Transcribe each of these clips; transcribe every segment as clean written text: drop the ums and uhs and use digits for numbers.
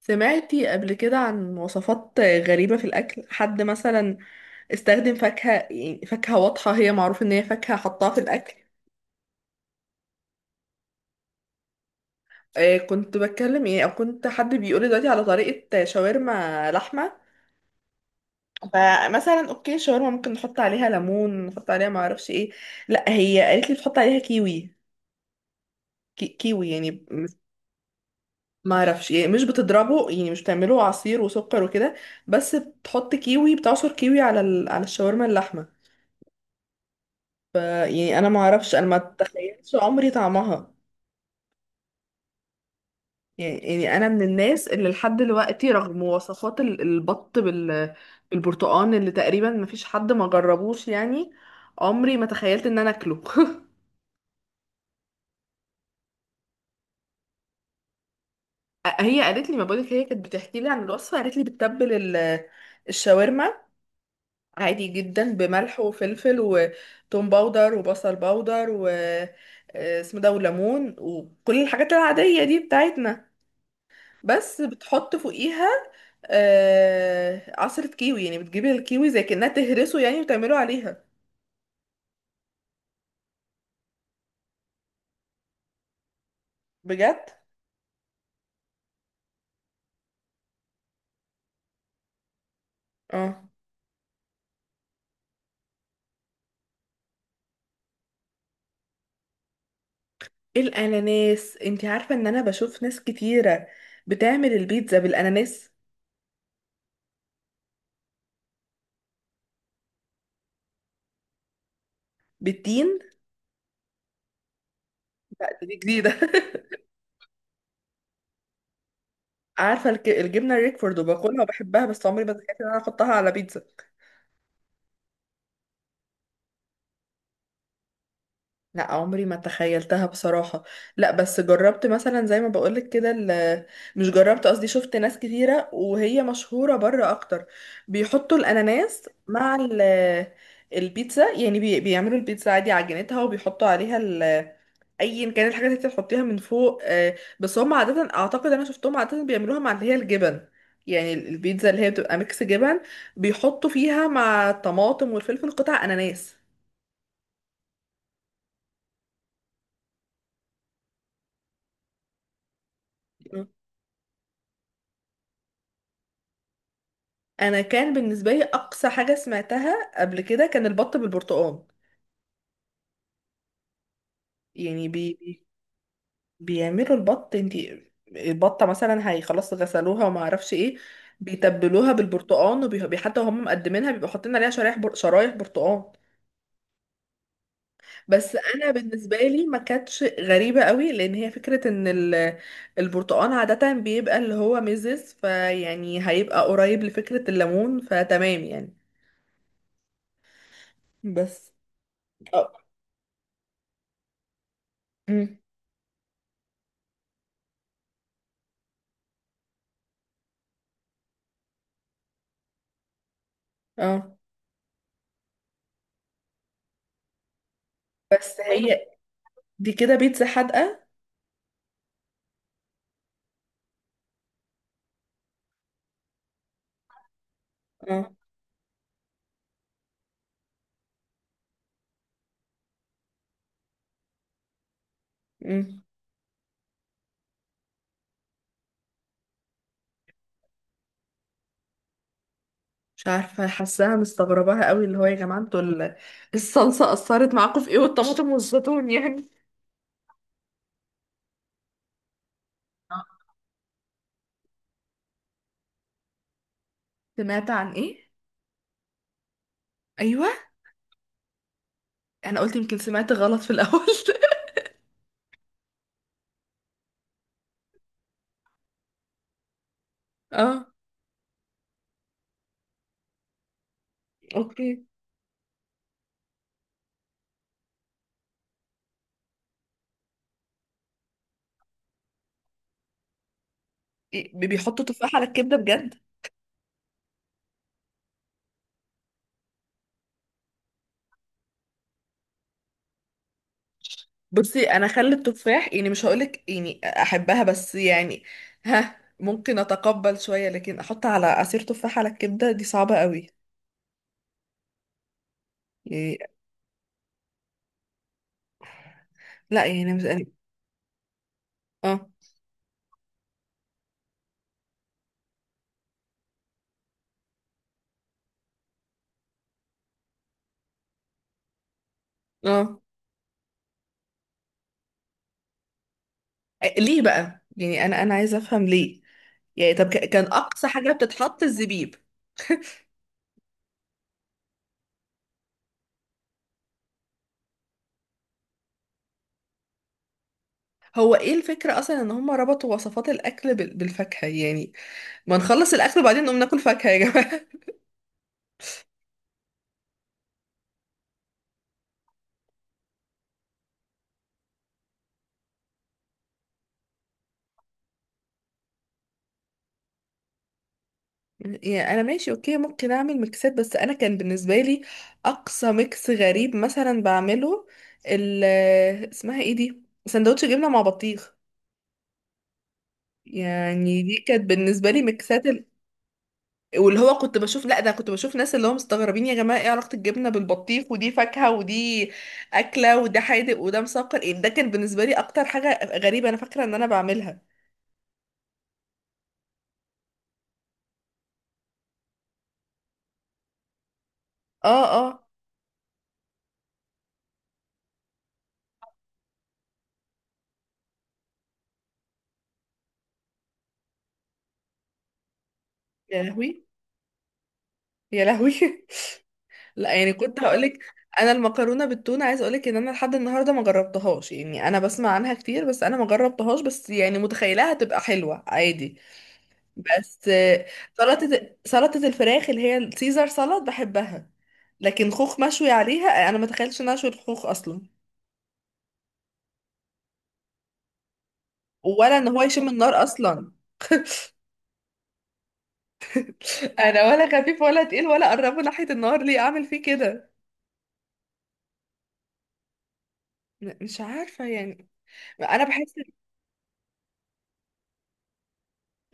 سمعتي قبل كده عن وصفات غريبة في الأكل؟ حد مثلا استخدم فاكهة، يعني فاكهة واضحة هي معروف إن هي فاكهة حطها في الأكل. كنت بتكلم يعني، أو كنت حد بيقولي دلوقتي على طريقة شاورما لحمة. فمثلا أوكي الشاورما ممكن نحط عليها ليمون، نحط عليها معرفش إيه. لأ، هي قالت لي تحط عليها كيوي. كيوي يعني، معرفش يعني، مش بتضربه، يعني مش بتعمله عصير وسكر وكده. بس بتحط كيوي، بتعصر كيوي على على الشاورما اللحمة. ف يعني انا ما اعرفش، انا ما اتخيلش عمري طعمها. يعني انا من الناس اللي لحد دلوقتي رغم وصفات البط بالبرتقال اللي تقريبا ما فيش حد ما جربوش يعني. عمري ما تخيلت ان انا اكله هي قالت لي، ما بقولك، هي كانت بتحكي لي عن الوصفه، قالت لي بتتبل الشاورما عادي جدا بملح وفلفل وتوم باودر وبصل باودر و اسمه ده وليمون وكل الحاجات العاديه دي بتاعتنا. بس بتحط فوقيها آه عصرة كيوي، يعني بتجيبي الكيوي زي كأنها تهرسه يعني وتعمله عليها. بجد. اه، الاناناس انتي عارفة ان انا بشوف ناس كتيرة بتعمل البيتزا بالاناناس. بالتين؟ لا، دي جديدة عارفة الجبنة الريكفورد، وباكلها وبحبها، بس عمري ما تخيلت ان انا احطها على بيتزا. لا، عمري ما تخيلتها بصراحة. لا، بس جربت مثلا زي ما بقولك كده مش جربت، قصدي شفت ناس كتيرة، وهي مشهورة بره أكتر، بيحطوا الأناناس مع البيتزا يعني. بيعملوا البيتزا عادي عجينتها وبيحطوا عليها أيا كان الحاجات اللي انت بتحطيها من فوق، بس هم عادة، أعتقد أنا شفتهم عادة بيعملوها مع اللي هي الجبن. يعني البيتزا اللي هي بتبقى ميكس جبن، بيحطوا فيها مع الطماطم والفلفل قطع أناناس. انا كان بالنسبه لي اقصى حاجه سمعتها قبل كده كان البط بالبرتقال. يعني بيعملوا البط. انتي البطه مثلا هي خلاص غسلوها وما اعرفش ايه، بيتبلوها بالبرتقال، وبي حتى وهم مقدمينها بيبقوا حاطين عليها شرايح شرايح برتقال. بس انا بالنسبه لي ما كانتش غريبه قوي، لان هي فكره ان البرتقال عاده بيبقى اللي هو ميزز، فيعني هيبقى قريب لفكره الليمون، فتمام يعني. بس اه. أمم. اه، بس هي دي كده بيتزا حادقة. اه. مم. مش عارفة، حاساها مستغرباها قوي. اللي هو يا جماعة انتوا الصلصة أثرت معاكم في ايه والطماطم والزيتون يعني. آه. سمعت عن ايه؟ ايوه. انا قلت يمكن سمعت غلط في الأول اه. اوكي. إيه، بيحطوا تفاح على الكبدة بجد؟ بصي، انا خلي التفاح يعني، مش هقولك يعني احبها، بس يعني ها ممكن اتقبل شوية، لكن احط على عصير تفاح على الكبدة دي صعبة قوي يعني. لا يعني مش يعني، اه. اه. ليه بقى؟ يعني انا عايزه افهم ليه. يعني طب كان اقصى حاجه بتتحط الزبيب. هو ايه الفكره اصلا ان هم ربطوا وصفات الاكل بالفاكهه يعني؟ ما نخلص الاكل وبعدين نقوم ناكل فاكهه يا جماعه يعني انا ماشي، اوكي، ممكن اعمل ميكسات، بس انا كان بالنسبه لي اقصى ميكس غريب مثلا بعمله ال اسمها ايه دي، سندوتش جبنه مع بطيخ. يعني دي كانت بالنسبه لي ميكسات. واللي هو كنت بشوف، لا ده كنت بشوف ناس اللي هم مستغربين يا جماعه ايه علاقه الجبنه بالبطيخ، ودي فاكهه ودي اكله، وده حادق وده مسكر، ايه ده؟ كان بالنسبه لي اكتر حاجه غريبه انا فاكره ان انا بعملها. اه. اه. يا لهوي. يا لهوي لا يعني كنت هقولك، انا المكرونه بالتونه عايزه اقولك ان انا لحد النهارده ما جربتهاش، يعني انا بسمع عنها كتير بس انا ما جربتهاش، بس يعني متخيلها هتبقى حلوه عادي. بس آه، سلطة الفراخ اللي هي السيزر سلطة بحبها. لكن خوخ مشوي عليها، انا ما تخيلش ان أنا اشوي الخوخ اصلا، ولا ان هو يشم النار اصلا انا ولا خفيف ولا تقيل ولا قربه ناحية النار، ليه اعمل فيه كده؟ مش عارفة يعني. انا بحس.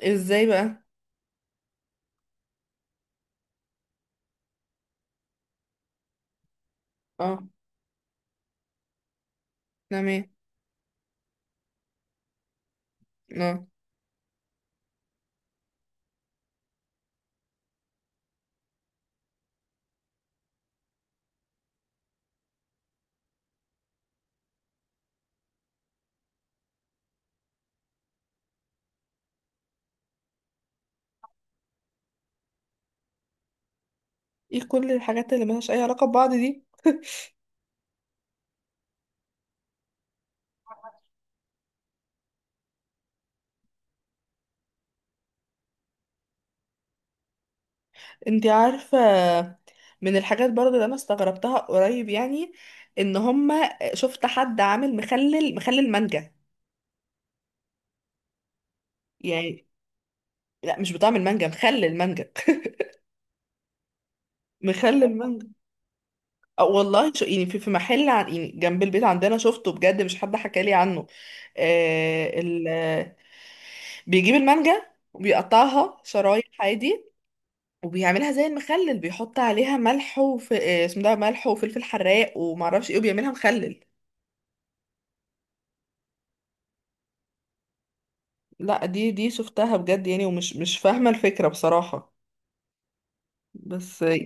ازاي بقى؟ اه. تمام. اه. ايه كل الحاجات اللي ملهاش اي علاقة ببعض دي؟ انتي عارفة، من الحاجات برضه اللي انا استغربتها قريب يعني، ان هما شفت حد عامل مخلل، مانجا. يعني لا، مش بطعم المانجا، مخلل المانجا مخلل المانجا. أو والله شو يعني، في محل عن يعني جنب البيت عندنا شفته بجد، مش حد حكى لي عنه. آه ال آه، بيجيب المانجا وبيقطعها شرايح عادي، وبيعملها زي المخلل، بيحط عليها ملح وف... آه، اسمه ده ملح وفلفل حراق ومعرفش ايه وبيعملها مخلل. لا دي شفتها بجد يعني، مش فاهمة الفكرة بصراحة. بس آه،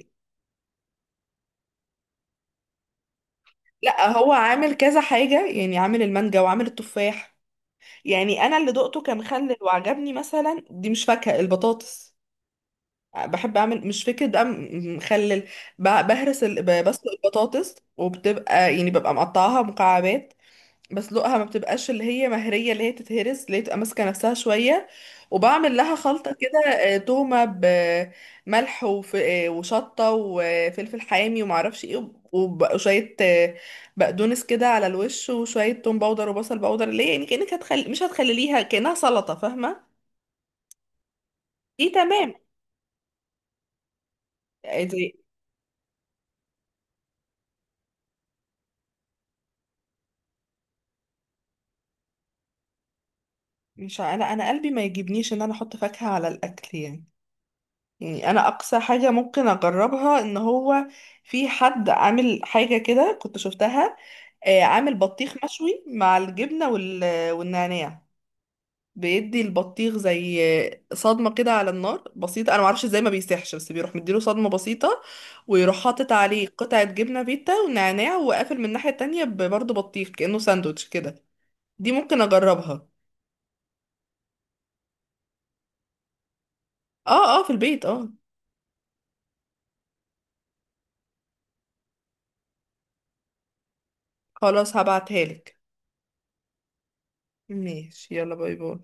لا هو عامل كذا حاجة يعني، عامل المانجا وعامل التفاح. يعني انا اللي دقته كان مخلل وعجبني، مثلا دي مش فاكهة، البطاطس. بحب اعمل، مش فكرة بقى مخلل. بهرس بسلق البطاطس، وبتبقى يعني ببقى مقطعاها مكعبات، بس لقها ما بتبقاش اللي هي مهرية، اللي هي تتهرس، اللي هي تبقى ماسكة نفسها شوية. وبعمل لها خلطة كده، تومة بملح وف- آه، وشطة وفلفل حامي ومعرفش ايه وشوية بقدونس كده على الوش، وشوية توم باودر وبصل باودر، اللي هي يعني كأنك هتخلي، مش هتخليليها كأنها سلطة، فاهمة؟ دي تمام. آه، دي مش ع- انا قلبي ما يجيبنيش ان انا احط فاكهة على الاكل يعني. يعني انا اقصى حاجة ممكن اجربها، ان هو في حد عامل حاجة كده كنت شفتها، عامل بطيخ مشوي مع الجبنة والنعناع. بيدي البطيخ زي صدمة كده على النار بسيطة، انا معرفش ازاي ما بيسيحش، بس بيروح مديله صدمة بسيطة، ويروح حاطط عليه قطعة جبنة فيتا ونعناع وقافل من الناحية التانية برضه بطيخ كأنه ساندوتش كده. دي ممكن اجربها. اه. اه، في البيت اه. خلاص هبعتها لك. ماشي. يلا باي باي.